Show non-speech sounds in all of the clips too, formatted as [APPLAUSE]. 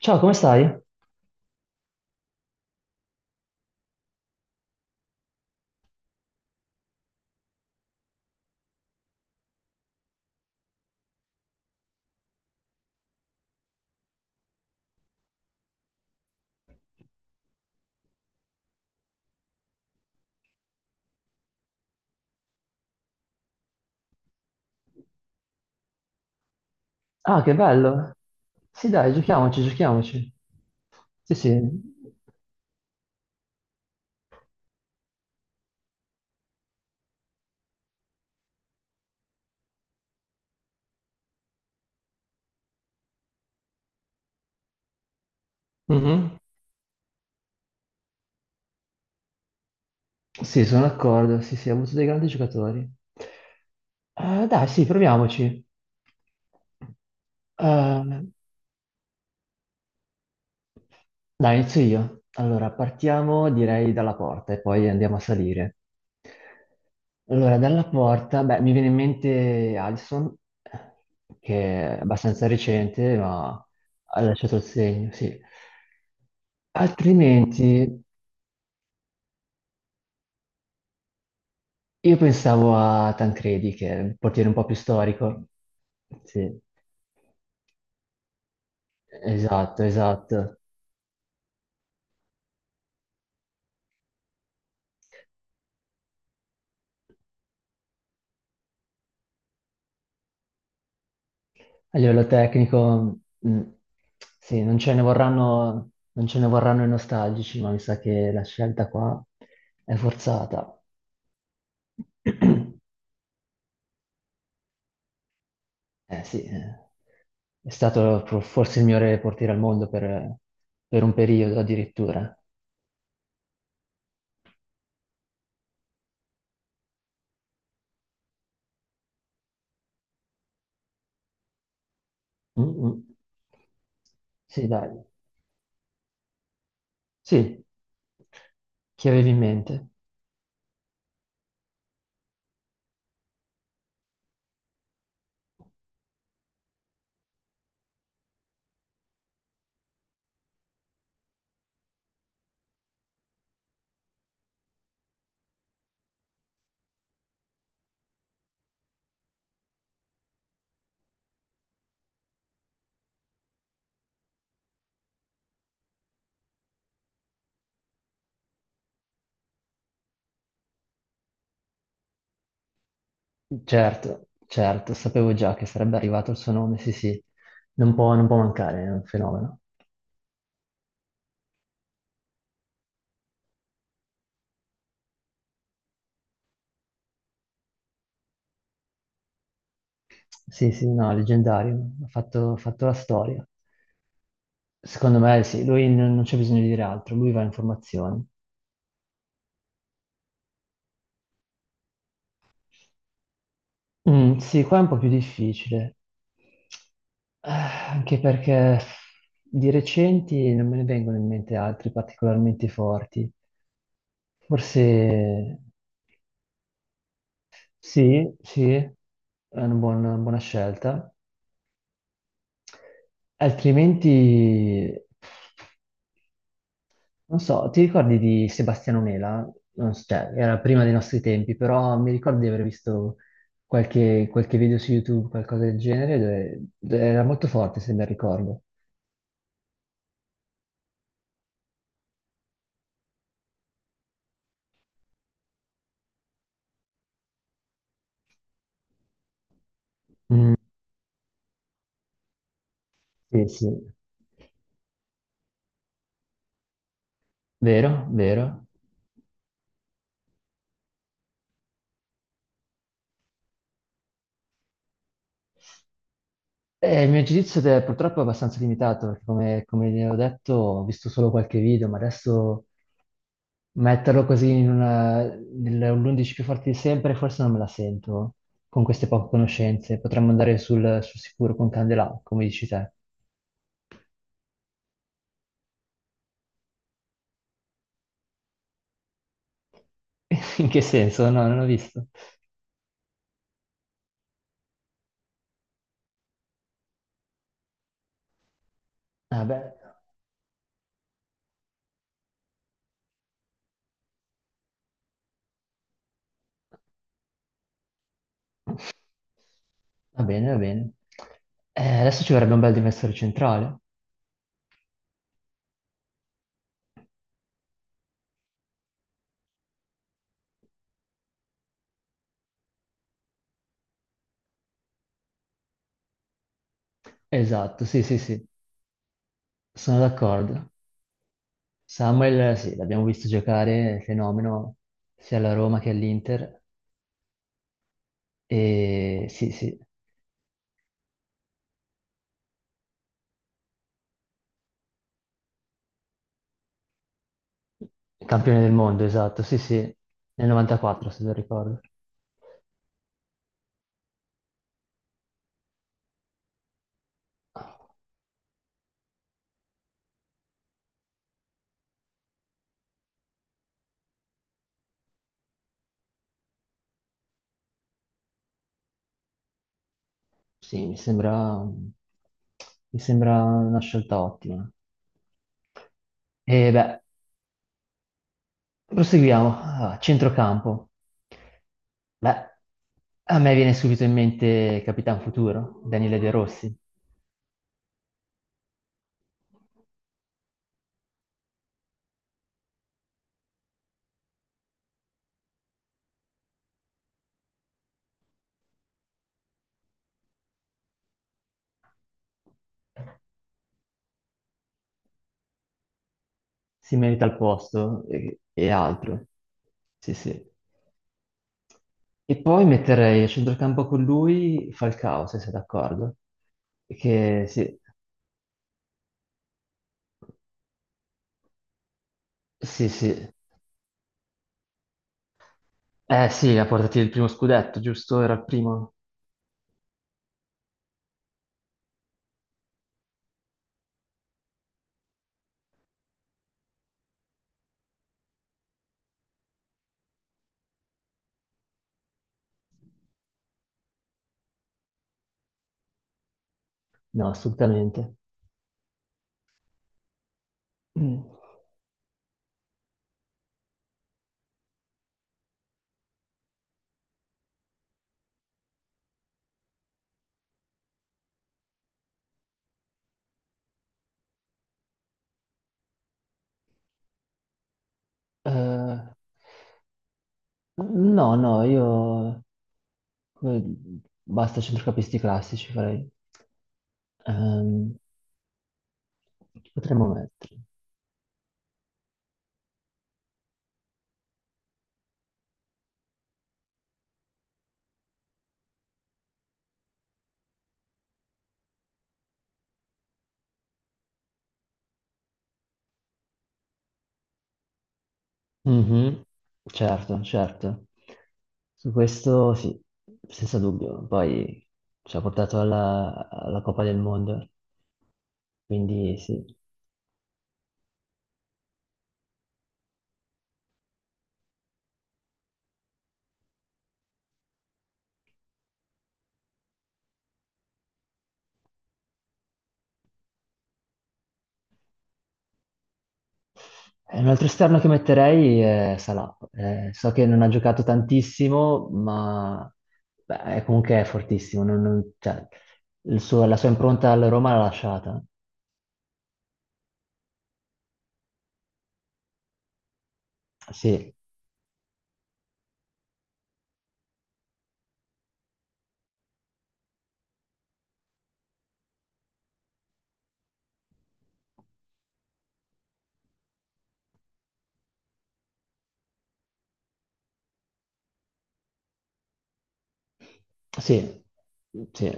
Ciao, come stai? Ah, che bello. Sì, dai, giochiamoci, giochiamoci. Sì, sì. Mhm. Sì, sono d'accordo. Sì, sì, ha avuto dei grandi giocatori. Dai, sì, proviamoci. Eh, Dai, inizio io. Allora, partiamo direi dalla porta e poi andiamo a salire. Allora, dalla porta, beh, mi viene in mente Alisson, che è abbastanza recente, ma ha lasciato il segno, sì. Altrimenti, io pensavo a Tancredi, che è un portiere un po' più storico. Sì, esatto, esatto. A livello tecnico, sì, non ce ne vorranno i nostalgici, ma mi sa che la scelta qua è forzata. [CLEARS THROAT] Eh sì, eh. Forse il migliore portiere al mondo per un periodo addirittura. Mm, mm. Sì, dai. Sì, chi avevi in mente? Certo, certo, sapevo già che sarebbe arrivato il suo nome, sì, sì. Non può mancare, è un fenomeno. Sì, sì, no, leggendario, ha fatto la storia. Secondo me sì, lui non, non c'è bisogno di dire altro, lui va in formazione. Mm, sì, qua è un po' più difficile. Anche perché di recenti non me ne vengono in mente altri particolarmente forti. Forse sì, sì, è una buona scelta. Altrimenti non so, ti ricordi di Sebastiano Mela? Non s- Cioè, era prima dei nostri tempi, però mi ricordo di aver visto qualche video su YouTube, qualcosa del genere, dove era molto forte, se ben ricordo. Mm, sì, sì, vero, vero. Il mio giudizio è purtroppo abbastanza limitato, perché come vi ho detto, ho visto solo qualche video, ma adesso metterlo così nell'11 più forti di sempre, forse non me la sento con queste poche conoscenze. Potremmo andare sul sicuro con Candelà, come dici te. [LAUGHS] In che senso? No, non l'ho visto. Vabbè, va bene, va bene. Adesso ci vorrebbe un bel difensore centrale. Esatto, sì, sì, sì, sono d'accordo. Samuel, sì, l'abbiamo visto giocare, è fenomeno, sia alla Roma che all'Inter. E sì, sì. Campione del mondo, esatto, sì, sì, nel 94 se non ricordo. Sì, mi sembra una scelta ottima. E beh, proseguiamo. Allora, centrocampo. Beh, a me viene subito in mente Capitan Futuro, Daniele De Rossi. Si merita il posto e altro. Sì, sì. E poi metterei a centrocampo con lui Falcao, se sei d'accordo. Che sì. Sì, sì. Eh sì, ha portato il primo scudetto, giusto? Era il primo? No, assolutamente. Mm. Eh, no, no, io... eh, Basta centrocampisti classici, farei. Ehm, chi potremmo mettere? Mhm. Certo, certo. Su questo sì, senza dubbio. Poi ci ha portato alla Coppa del Mondo, quindi sì. Un altro esterno che metterei è Salah. So che non ha giocato tantissimo, ma beh, comunque è fortissimo. Cioè, la sua impronta alla Roma l'ha lasciata. Sì, sì, sì.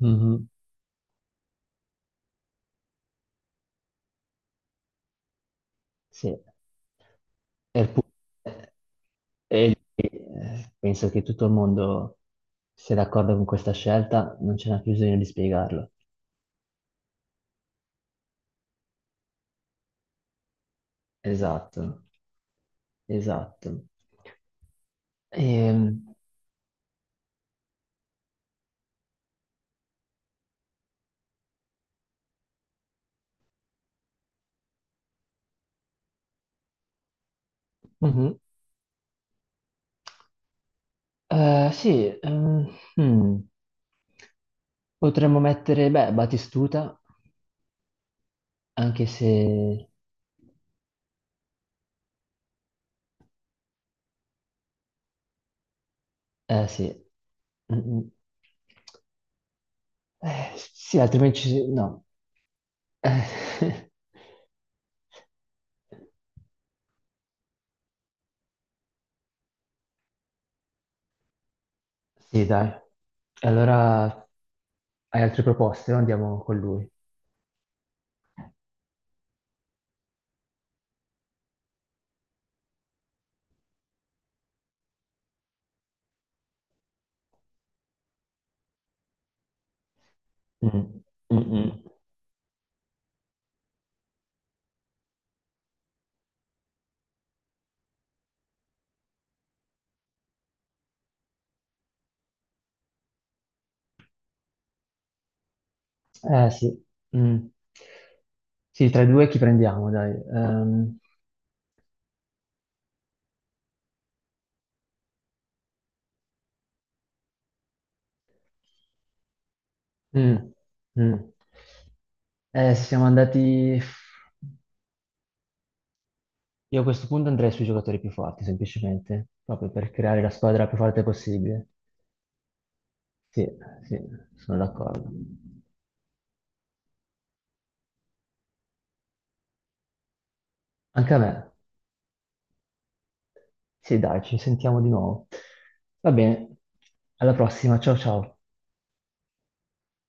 Mhm. Sì. E il pu- e penso che tutto il mondo sia d'accordo con questa scelta, non c'è neanche bisogno di spiegarlo. Esatto, esatto. Ehm, mhm. Eh, sì, ehm, hmm, potremmo mettere, beh, Batistuta, anche se... Eh sì. Mm, mm. Sì, altrimenti... No. Eh, [LAUGHS] sì, dai. Allora, hai altre proposte? No? Andiamo con lui. Mm, mm, mm. Eh sì. Mm. Sì, tra i due chi prendiamo, dai. Mm, mm. Siamo andati... Io a questo punto andrei sui giocatori più forti, semplicemente, proprio per creare la squadra più forte possibile. Sì, sì, sono d'accordo. Anche a me. Sì, dai, ci sentiamo di nuovo. Va bene, alla prossima, ciao ciao.